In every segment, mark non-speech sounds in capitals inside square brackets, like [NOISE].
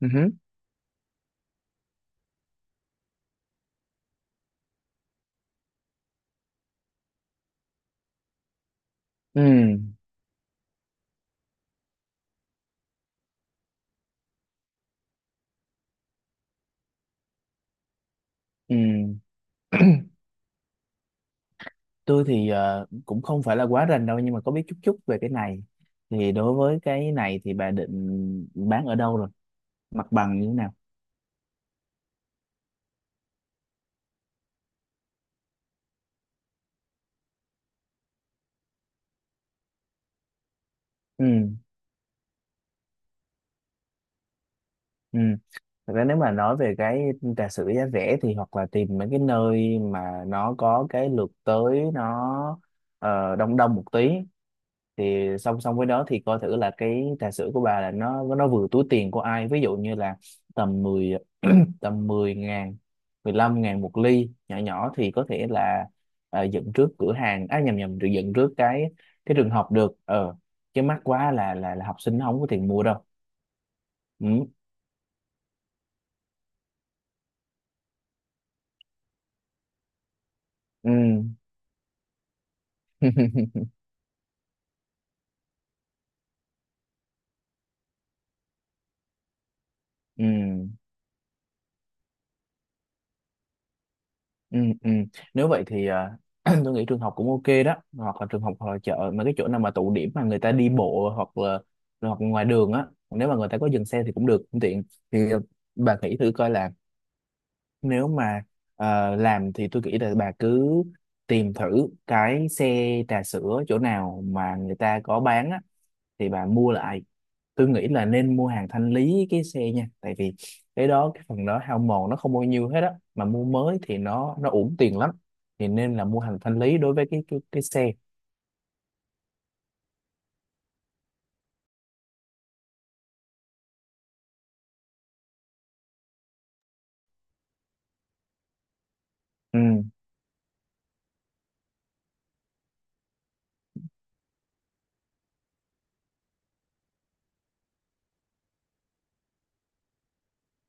Ừ. hứ, Ừ. Ừ. Tôi thì cũng không phải là quá rành đâu, nhưng mà có biết chút chút về cái này. Thì đối với cái này thì bà định bán ở đâu rồi? Mặt bằng như thế nào? Ừ. Ừ. Thật ra nếu mà nói về cái trà sữa giá rẻ thì hoặc là tìm mấy cái nơi mà nó có cái lượt tới đông đông một tí, thì song song với đó thì coi thử là cái trà sữa của bà là nó vừa túi tiền của ai. Ví dụ như là tầm 10. Tầm 10 ngàn 15 ngàn một ly nhỏ nhỏ, thì có thể là à, dựng trước cửa hàng á, à, nhầm nhầm, được dựng trước cái trường học được, ờ, chứ mắc quá là học sinh nó không có tiền mua đâu. Ừ. Ừ. [LAUGHS] Ừ. Ừ, ừ. Nếu vậy thì, à, [CLEARS THROAT] tôi nghĩ trường học cũng ok đó, hoặc là trường học hoặc là chợ, mà cái chỗ nào mà tụ điểm mà người ta đi bộ, hoặc là hoặc ngoài đường á, nếu mà người ta có dừng xe thì cũng được, cũng tiện. Thì bà nghĩ thử coi là nếu mà làm thì tôi nghĩ là bà cứ tìm thử cái xe trà sữa chỗ nào mà người ta có bán á, thì bà mua lại. Tôi nghĩ là nên mua hàng thanh lý cái xe nha, tại vì cái đó cái phần đó hao mòn nó không bao nhiêu hết á, mà mua mới thì nó uổng tiền lắm. Thì nên là mua hàng thanh lý đối với cái xe. Ừ.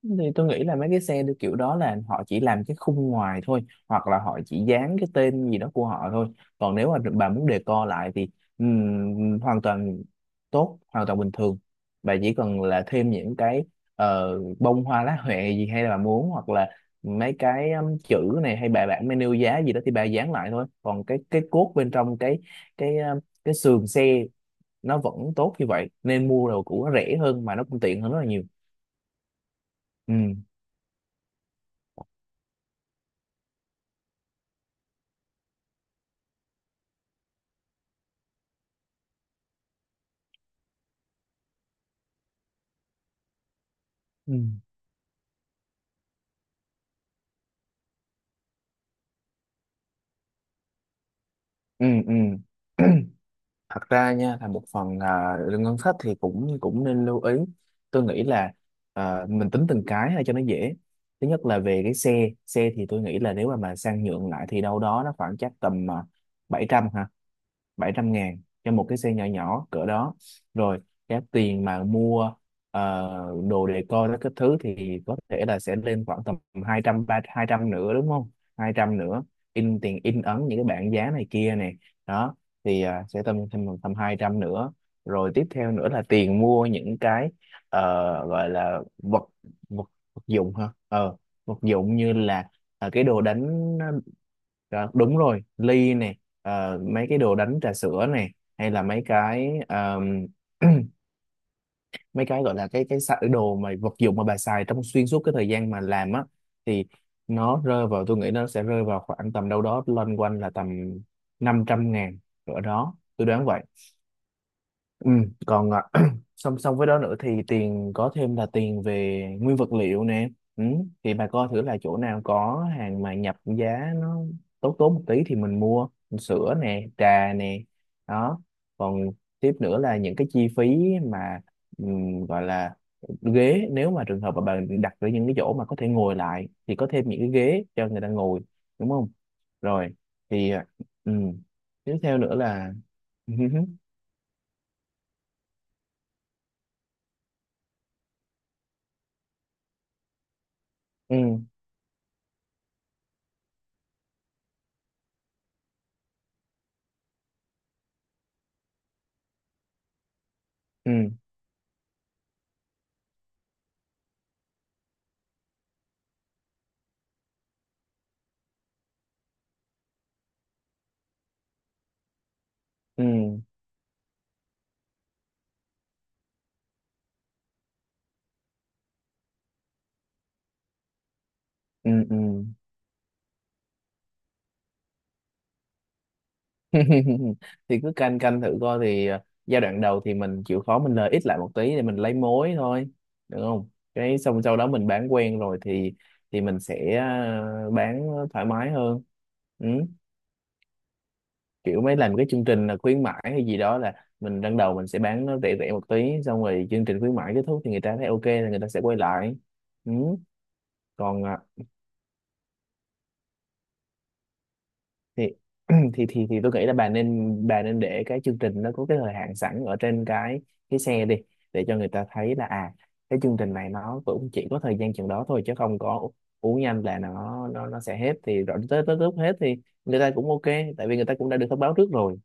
Thì tôi nghĩ là mấy cái xe được kiểu đó là họ chỉ làm cái khung ngoài thôi, hoặc là họ chỉ dán cái tên gì đó của họ thôi. Còn nếu mà bà muốn decor lại thì hoàn toàn tốt, hoàn toàn bình thường. Bà chỉ cần là thêm những cái bông hoa lá huệ gì, hay là bà muốn, hoặc là mấy cái chữ này hay bài bản menu giá gì đó thì bà dán lại thôi, còn cái cốt bên trong cái um, cái sườn xe nó vẫn tốt như vậy. Nên mua đồ cũ nó rẻ hơn mà nó cũng tiện hơn rất là nhiều. Ừ. Ừ. Ừ, ừ. Thật ra nha, là một phần là lương ngân sách thì cũng cũng nên lưu ý. Tôi nghĩ là mình tính từng cái ha cho nó dễ. Thứ nhất là về cái xe xe thì tôi nghĩ là nếu mà sang nhượng lại thì đâu đó nó khoảng chắc tầm 700 ha, 700.000 cho một cái xe nhỏ nhỏ cỡ đó. Rồi cái tiền mà mua ờ, đồ decor đó các thứ thì có thể là sẽ lên khoảng tầm 230, 200 nữa, đúng không, 200 nữa. In tiền, in ấn những cái bảng giá này kia này, đó, thì à, sẽ tầm thêm tầm 200 nữa. Rồi tiếp theo nữa là tiền mua những cái ờ, gọi là vật vật vật dụng ha, vật dụng như là, à, cái đồ đánh. Đó, đúng rồi, ly này, mấy cái đồ đánh trà sữa này, hay là mấy cái [CLEARS THROAT] mấy cái gọi là đồ, mà vật dụng mà bà xài trong xuyên suốt cái thời gian mà làm á, thì nó rơi vào, tôi nghĩ nó sẽ rơi vào khoảng tầm đâu đó loanh quanh là tầm 500.000 ở đó, tôi đoán vậy. Ừ, còn à, [CLEARS THROAT] song song với đó nữa thì tiền có thêm là tiền về nguyên vật liệu nè. Ừ. Thì bà coi thử là chỗ nào có hàng mà nhập giá nó tốt tốt một tí thì mình mua, sữa nè, trà nè, đó. Còn tiếp nữa là những cái chi phí mà gọi là ghế, nếu mà trường hợp mà bà đặt ở những cái chỗ mà có thể ngồi lại thì có thêm những cái ghế cho người ta ngồi, đúng không. Rồi thì, à, ừm, tiếp theo nữa là [LAUGHS] ừ, ừ. Ừ, ừ, ừ. [LAUGHS] Thì cứ canh canh thử coi thì giai đoạn đầu thì mình chịu khó mình lời ít lại một tí để mình lấy mối thôi, được không. Cái xong sau đó mình bán quen rồi thì mình sẽ bán thoải mái hơn. Ừ. Kiểu mấy làm cái chương trình là khuyến mãi hay gì đó là mình ban đầu mình sẽ bán nó rẻ rẻ một tí, xong rồi chương trình khuyến mãi kết thúc thì người ta thấy ok thì người ta sẽ quay lại. Ừ. Còn à, thì [CLEARS THROAT] thì tôi nghĩ là bà nên để cái chương trình nó có cái thời hạn sẵn ở trên cái xe đi, để cho người ta thấy là à, cái chương trình này nó cũng chỉ có thời gian chừng đó thôi, chứ không có uống nhanh là nó sẽ hết. Thì rồi tới tới lúc hết thì người ta cũng ok, tại vì người ta cũng đã được thông báo trước rồi.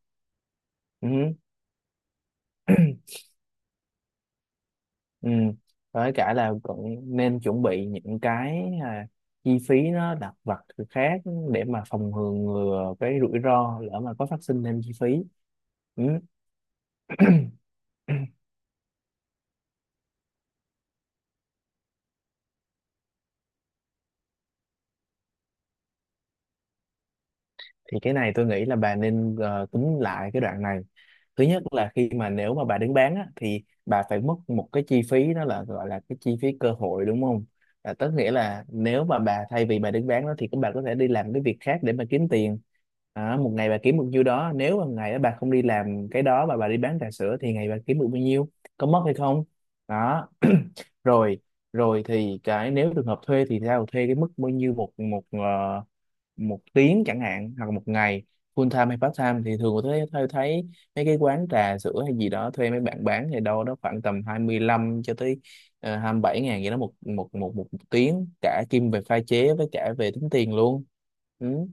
Ừ. Ừ. Với cả là cũng nên chuẩn bị những cái à, chi phí nó lặt vặt khác để mà phòng ngừa cái rủi ro, lỡ mà có phát sinh thêm chi phí. Ừ. Thì cái này tôi nghĩ là bà nên tính lại cái đoạn này. Thứ nhất là khi mà nếu mà bà đứng bán á, thì bà phải mất một cái chi phí, đó là gọi là cái chi phí cơ hội, đúng không. Là tức nghĩa là nếu mà bà thay vì bà đứng bán đó thì các bà có thể đi làm cái việc khác để mà kiếm tiền. À, một ngày bà kiếm được nhiêu đó, nếu mà ngày đó bà không đi làm cái đó mà bà đi bán trà sữa thì ngày bà kiếm được bao nhiêu, có mất hay không. Đó. [CLEARS THROAT] Rồi, rồi thì cái nếu trường hợp thuê thì sao, thuê cái mức bao nhiêu một một ờ, một tiếng chẳng hạn, hoặc là một ngày, full time hay part time. Thì thường tôi thấy, mấy cái quán trà sữa hay gì đó thuê mấy bạn bán thì đâu đó khoảng tầm 25 cho tới 27.000 vậy đó, một một một một tiếng, cả kim về pha chế với cả về tính tiền luôn. Ừ.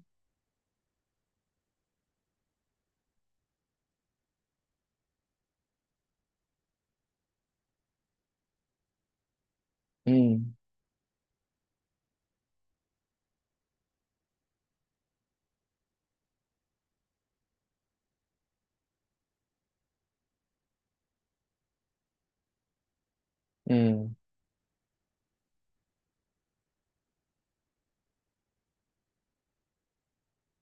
Ừ. Ừ.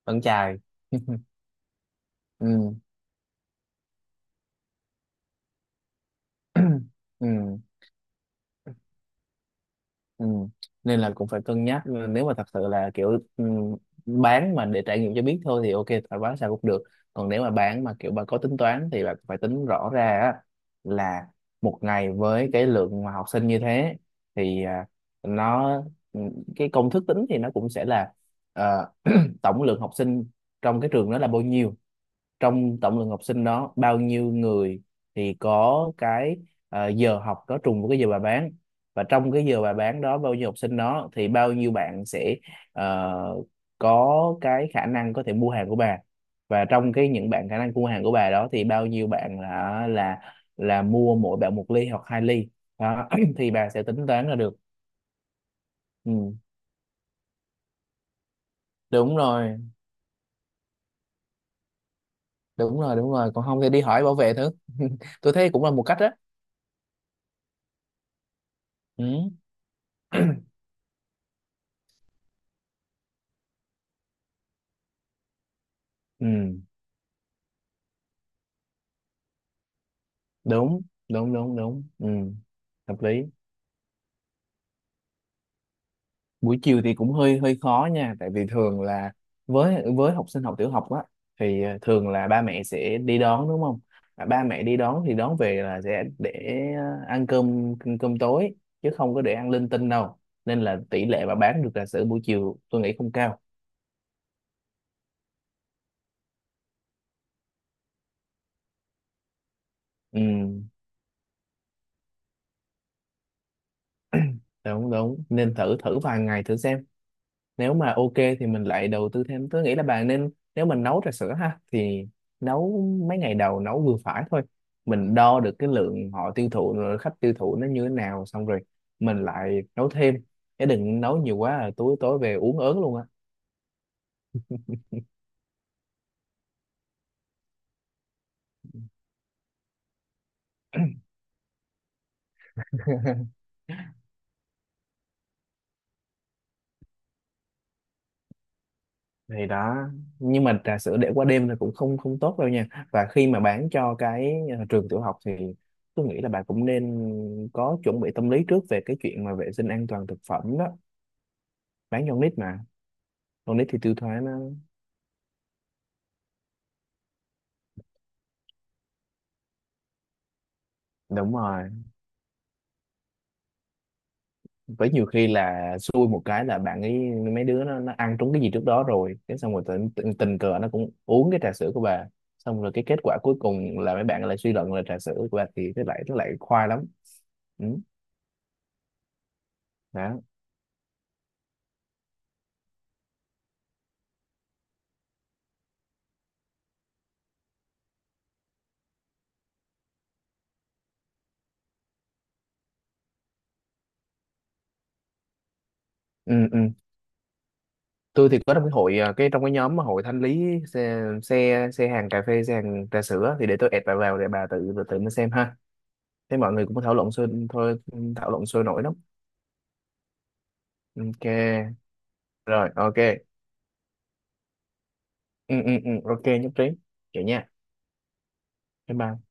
Vẫn chài. [LAUGHS] Ừ. [CLEARS THROAT] Ừ. Ừ. Nên là cũng phải cân nhắc. Ừ, nếu mà thật sự là kiểu ừ, bán mà để trải nghiệm cho biết thôi thì ok, phải bán sao cũng được. Còn nếu mà bán mà kiểu bà có tính toán thì bà phải tính rõ ra á, là một ngày với cái lượng mà học sinh như thế thì, à, nó, ừ, cái công thức tính thì nó cũng sẽ là ờ, tổng lượng học sinh trong cái trường đó là bao nhiêu, trong tổng lượng học sinh đó bao nhiêu người thì có cái giờ học đó trùng với cái giờ bà bán, và trong cái giờ bà bán đó bao nhiêu học sinh đó thì bao nhiêu bạn sẽ ờ, có cái khả năng có thể mua hàng của bà, và trong cái những bạn khả năng mua hàng của bà đó thì bao nhiêu bạn là mua mỗi bạn một ly hoặc hai ly. Đó. [CLEARS THROAT] Thì bà sẽ tính toán ra được. Ừ. Đúng rồi, đúng rồi, đúng rồi, còn không thì đi hỏi bảo vệ thử. [LAUGHS] Tôi thấy cũng là một cách đó. Ừ. Ừ. đúng đúng đúng đúng, ừ, hợp lý. Buổi chiều thì cũng hơi hơi khó nha, tại vì thường là với học sinh học tiểu học á, thì thường là ba mẹ sẽ đi đón, đúng không. Mà ba mẹ đi đón thì đón về là sẽ để ăn cơm cơm tối, chứ không có để ăn linh tinh đâu. Nên là tỷ lệ mà bán được trà sữa buổi chiều tôi nghĩ không cao. Ừ, đúng đúng nên thử thử vài ngày thử xem, nếu mà ok thì mình lại đầu tư thêm. Tôi nghĩ là bạn nên, nếu mình nấu trà sữa ha, thì nấu mấy ngày đầu nấu vừa phải thôi. Mình đo được cái lượng họ tiêu thụ rồi, khách tiêu thụ nó như thế nào, xong rồi mình lại nấu thêm. Chứ đừng nấu nhiều quá là tối tối về uống ớn luôn á. [LAUGHS] Thì đó. Nhưng mà trà sữa để qua đêm là cũng không không tốt đâu nha. Và khi mà bán cho cái trường tiểu học thì tôi nghĩ là bạn cũng nên có chuẩn bị tâm lý trước về cái chuyện mà vệ sinh an toàn thực phẩm đó. Bán cho con nít mà, con nít thì tiêu thoái nó. Đúng rồi. Với nhiều khi là xui một cái là bạn ấy mấy đứa nó ăn trúng cái gì trước đó rồi, cái xong rồi tình cờ nó cũng uống cái trà sữa của bà, xong rồi cái kết quả cuối cùng là mấy bạn lại suy luận là trà sữa của bà thì cái lại nó lại khoai lắm. Ừ. Đó. Ừ, ừ. Tôi thì có trong cái hội, à, cái trong cái nhóm mà hội thanh lý xe, xe xe hàng cà phê, xe hàng trà sữa, thì để tôi add bà vào để bà tự tự nó xem ha. Thế mọi người cũng thảo luận sôi thôi, thảo luận sôi nổi lắm. Ok. Rồi, ok. Ừ, ok, nhất trí. Kiểu nha. Bye bye.